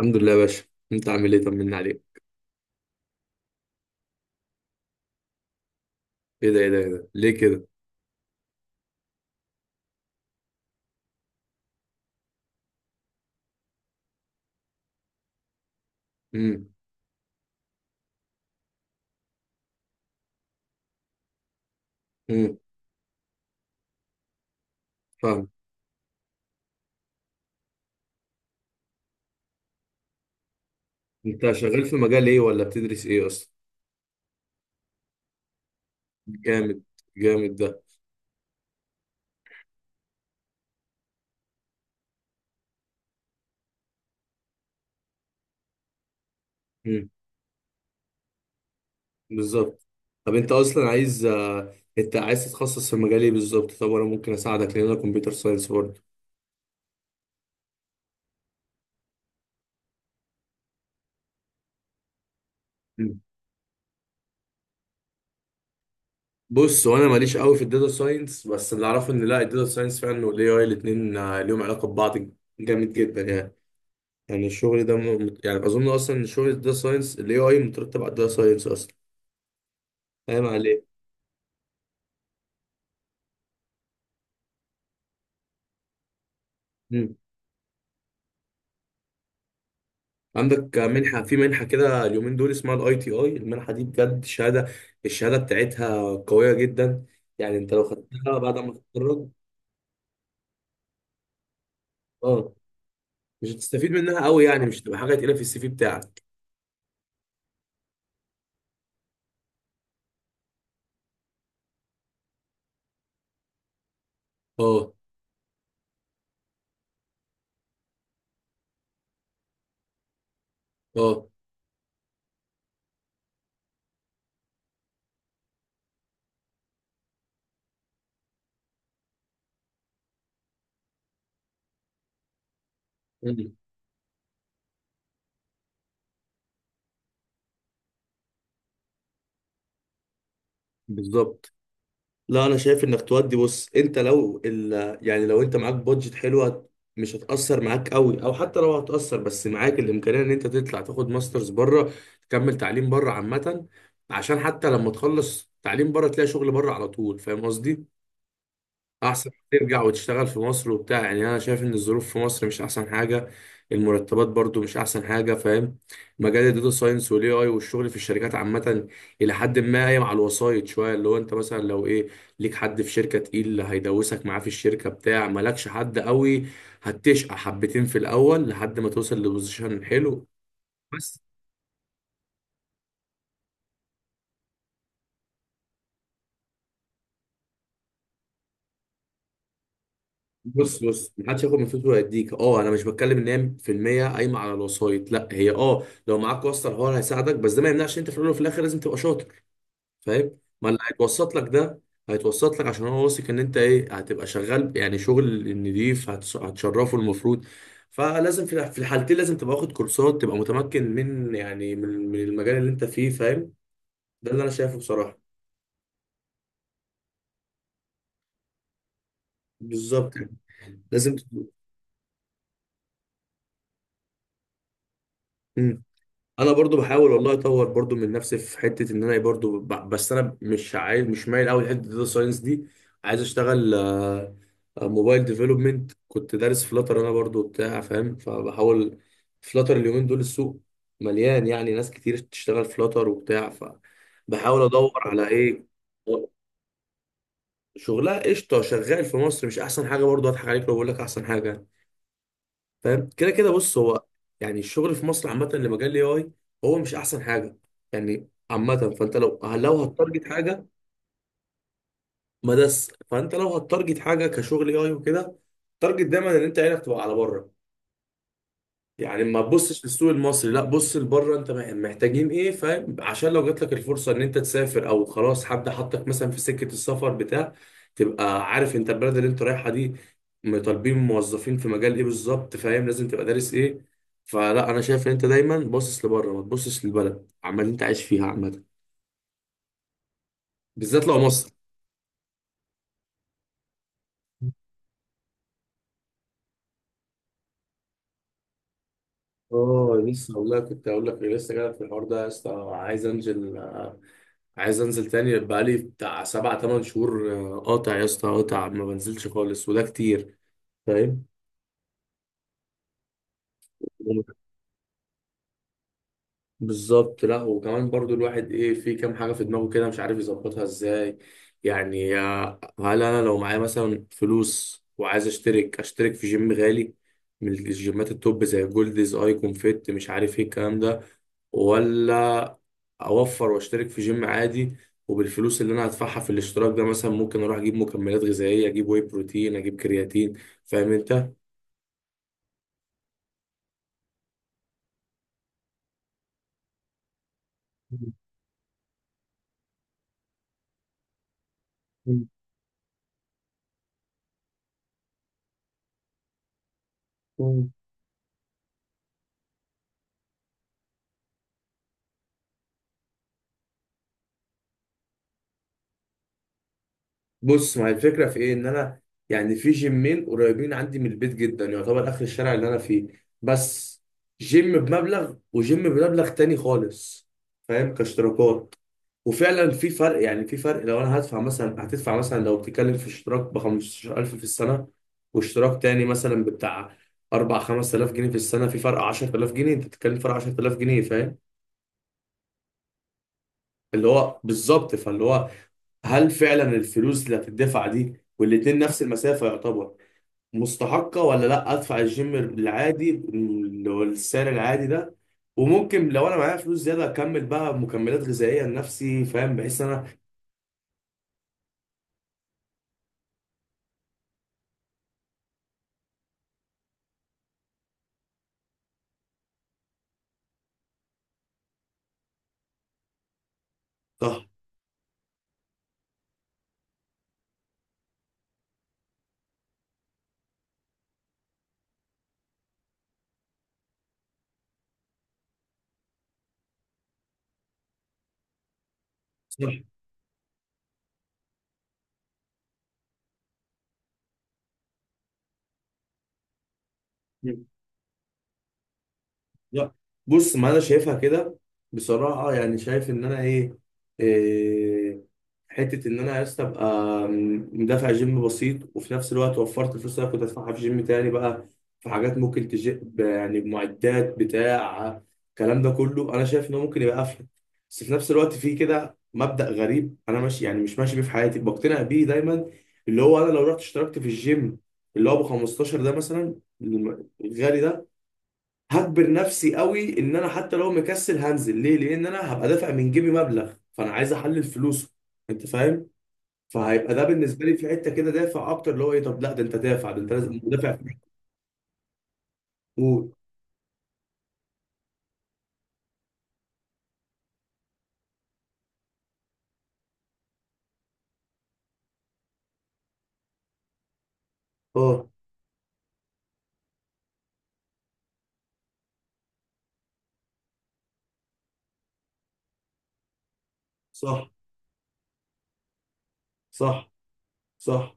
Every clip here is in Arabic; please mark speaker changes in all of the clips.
Speaker 1: الحمد لله يا باشا. انت عامل ايه؟ طمنا عليك. ايه ده ايه ده ايه ده ليه كده؟ امم امم فاهم. انت شغال في مجال ايه ولا بتدرس ايه اصلا؟ جامد. جامد ده. امم بالظبط. طب انت اصلا عايز، انت عايز تتخصص في مجال ايه بالظبط؟ طب انا ممكن اساعدك لان انا كمبيوتر ساينس برضه. مم. بص، وانا ماليش قوي في الداتا ساينس، بس اللي اعرفه ان لا الداتا ساينس فعلا والاي اي الاثنين ليهم علاقه ببعض، جامد جدا يعني. يعني الشغل ده يعني اظن اصلا ان شغل الداتا ساينس الاي اي مترتب على الداتا ساينس اصلا. فاهم عليك. مم. عندك منحة، في منحة كده اليومين دول اسمها الاي تي اي، المنحة دي بجد شهادة، الشهادة بتاعتها قوية جدا يعني. انت لو خدتها بعد ما تتخرج. اه، مش هتستفيد منها قوي يعني، مش هتبقى حاجة تقيلة في السي في بتاعك. اه. اه. مم. بالظبط. لا انا شايف انك تودي. بص، انت لو يعني لو انت معاك بادجت حلوه، مش هتأثر معاك قوي، او حتى لو هتأثر بس معاك الامكانيه ان انت تطلع تاخد ماسترز بره، تكمل تعليم بره عامه، عشان حتى لما تخلص تعليم بره تلاقي شغل بره على طول. فاهم قصدي؟ احسن ما ترجع وتشتغل في مصر وبتاع. يعني انا شايف ان الظروف في مصر مش احسن حاجه. المرتبات برضو مش احسن حاجه. فاهم؟ مجال الداتا ساينس والاي اي والشغل في الشركات عامه، الى حد ما قايم على الوسايط شويه. اللي هو انت مثلا لو ايه، ليك حد في شركه تقيل هيدوسك معاه في الشركه بتاع، مالكش حد قوي هتشقى حبتين في الاول لحد ما توصل لبوزيشن حلو. بس. بص بص، محدش ياخد من فلوسه ويديك. اه انا مش بتكلم ان هي في المية قايمه على الوسايط، لا هي اه لو معاك واسطه الحوار هيساعدك، بس ده ما يمنعش انت في الاول وفي الاخر لازم تبقى شاطر. فاهم؟ ما اللي هيتوسط لك ده هيتوسط لك عشان هو واثق ان انت ايه، هتبقى شغال يعني شغل نضيف، هتشرفه المفروض. فلازم في في الحالتين لازم تبقى واخد كورسات، تبقى متمكن من يعني من المجال اللي انت فيه. فاهم؟ ده اللي انا شايفه بصراحه. بالظبط. لازم تبقى- انا برضو بحاول والله اطور برضو من نفسي في حته ان انا إيه، برضو بس انا مش عايز، مش مايل قوي لحته الداتا ساينس دي. عايز اشتغل موبايل ديفلوبمنت، كنت دارس فلاتر انا برضو بتاع. فاهم؟ فبحاول. فلاتر اليومين دول السوق مليان يعني، ناس كتير تشتغل فلاتر وبتاع فبحاول ادور على ايه. شغلها قشطه شغال في مصر، مش احسن حاجه برضو، هضحك عليك لو بقول لك احسن حاجه. فاهم؟ كده كده بص، هو يعني الشغل في مصر عامه اللي مجال الاي اي هو مش احسن حاجه يعني عامه. فانت لو هتارجت حاجه، ما دس، فانت لو هتارجت حاجه كشغل اي اي وكده، تارجت دايما ان انت عينك تبقى على بره. يعني ما تبصش للسوق المصري، لا بص لبره انت محتاجين ايه. فاهم؟ عشان لو جات لك الفرصه ان انت تسافر، او خلاص حد حطك مثلا في سكه السفر بتاع، تبقى عارف انت البلد اللي انت رايحها دي طالبين موظفين في مجال ايه بالظبط. فاهم؟ لازم تبقى دارس ايه. فلا انا شايف ان انت دايما باصص لبره، ما تبصش للبلد عمال اللي انت عايش فيها عامه، بالذات لو مصر. اه لسه والله، كنت هقول لك لسه جاي في الحوار ده يا اسطى. عايز انزل، عايز انزل تاني، بقالي بتاع 7 8 شهور قاطع يا اسطى، قاطع، ما بنزلش خالص وده كتير. فاهم؟ بالظبط. لا وكمان برضو الواحد ايه، في كام حاجه في دماغه كده مش عارف يظبطها ازاي. يعني هل انا لو معايا مثلا فلوس وعايز اشترك، اشترك في جيم غالي من الجيمات التوب زي جولدز، ايكون فيت، مش عارف ايه الكلام ده، ولا اوفر واشترك في جيم عادي، وبالفلوس اللي انا هدفعها في الاشتراك ده مثلا ممكن اروح اجيب مكملات غذائيه، اجيب واي بروتين، اجيب كرياتين. فاهم؟ انت. بص، ما هي الفكره في ايه، ان انا يعني في جيمين قريبين عندي من البيت جدا، يعتبر اخر الشارع اللي انا فيه. بس جيم بمبلغ وجيم بمبلغ تاني خالص. فاهم؟ كاشتراكات. وفعلا في فرق يعني، في فرق لو انا هدفع مثلا، هتدفع مثلا لو بتتكلم في اشتراك ب 15000 في السنه، واشتراك تاني مثلا بتاع 4 5000 جنيه في السنه، في فرق 10000 جنيه، انت بتتكلم في فرق 10000 جنيه. فاهم؟ اللي هو بالظبط، فاللي هو هل فعلا الفلوس اللي هتدفع دي، والاتنين نفس المسافه يعتبر، مستحقة ولا لا ادفع الجيم العادي اللي هو السعر العادي ده، وممكن لو انا معايا فلوس زيادة اكمل بقى مكملات غذائية لنفسي. فاهم؟ بحيث إن انا. صح. صح. لا بص، ما انا شايفها كده بصراحه. يعني شايف ان انا ايه, إيه، حته ان انا يا اسطى ابقى مدافع جيم بسيط وفي نفس الوقت وفرت الفلوس اللي أنا كنت ادفعها في جيم تاني بقى، في حاجات ممكن تجيب يعني معدات بتاع الكلام ده كله، انا شايف انه ممكن يبقى افيد. بس في نفس الوقت في كده مبدأ غريب انا ماشي، يعني مش ماشي بيه في حياتي بقتنع بيه دايما، اللي هو انا لو رحت اشتركت في الجيم اللي هو ب 15 ده مثلا، الغالي ده، هجبر نفسي قوي ان انا حتى لو مكسل هنزل ليه، لان انا هبقى دافع من جيبي مبلغ فانا عايز احلل فلوسه. انت فاهم؟ فهيبقى ده بالنسبه لي في حته كده دافع اكتر، اللي هو ايه، طب لا ده انت دافع، ده انت لازم دافع فلوس. قول. اه. صح. صح. صح.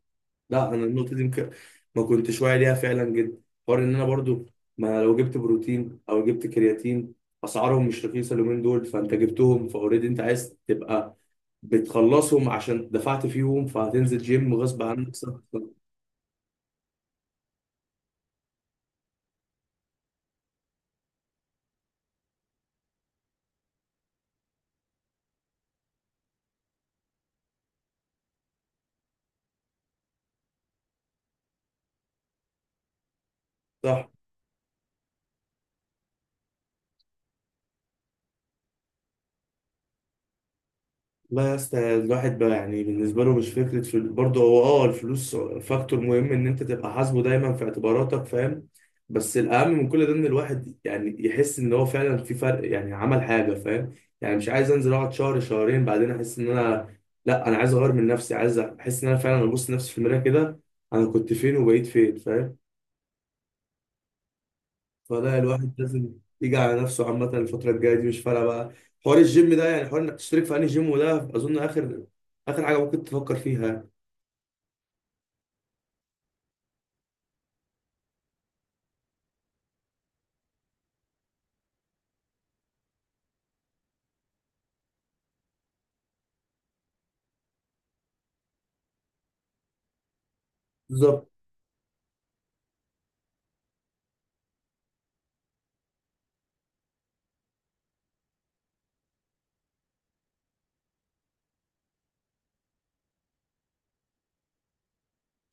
Speaker 1: لا انا النقطه دي ممكن ما كنتش واعي ليها فعلا جدا. حوار ان انا برضو ما، لو جبت بروتين او جبت كرياتين، اسعارهم مش رخيصه اليومين دول، فانت جبتهم فاوريدي انت عايز تبقى بتخلصهم عشان دفعت فيهم، فهتنزل جيم غصب عنك. صح. صح. لا يا اسطى الواحد بقى يعني بالنسبه له مش فكره في برضه هو، اه الفلوس فاكتور مهم ان انت تبقى حاسبه دايما في اعتباراتك. فاهم؟ بس الاهم من كل ده ان الواحد يعني يحس ان هو فعلا في فرق، يعني عمل حاجه. فاهم؟ يعني مش عايز انزل اقعد شهر شهرين بعدين احس ان انا، لا انا عايز اغير من نفسي، عايز احس ان انا فعلا ابص لنفسي في المرايه كده، انا كنت فين وبقيت فين. فاهم؟ فلا الواحد لازم يجي على نفسه عامة. الفترة الجاية دي مش فارقة بقى حوار الجيم ده، يعني حوار انك تشترك في انهي جيم، وده اظن اخر اخر حاجة ممكن تفكر فيها. بالظبط.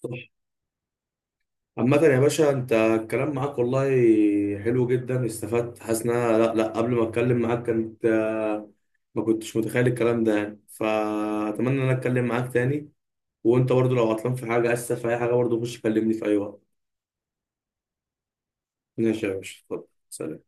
Speaker 1: صح. عامة يا باشا انت الكلام معاك والله حلو جدا، استفدت، حاسس ان انا لا لا قبل ما اتكلم معاك كنت ما كنتش متخيل الكلام ده يعني. فاتمنى ان انا اتكلم معاك تاني، وانت برضو لو عطلان في حاجة، اسف، في اي حاجة برضو، خش كلمني في اي وقت. ماشي يا باشا، اتفضل، سلام.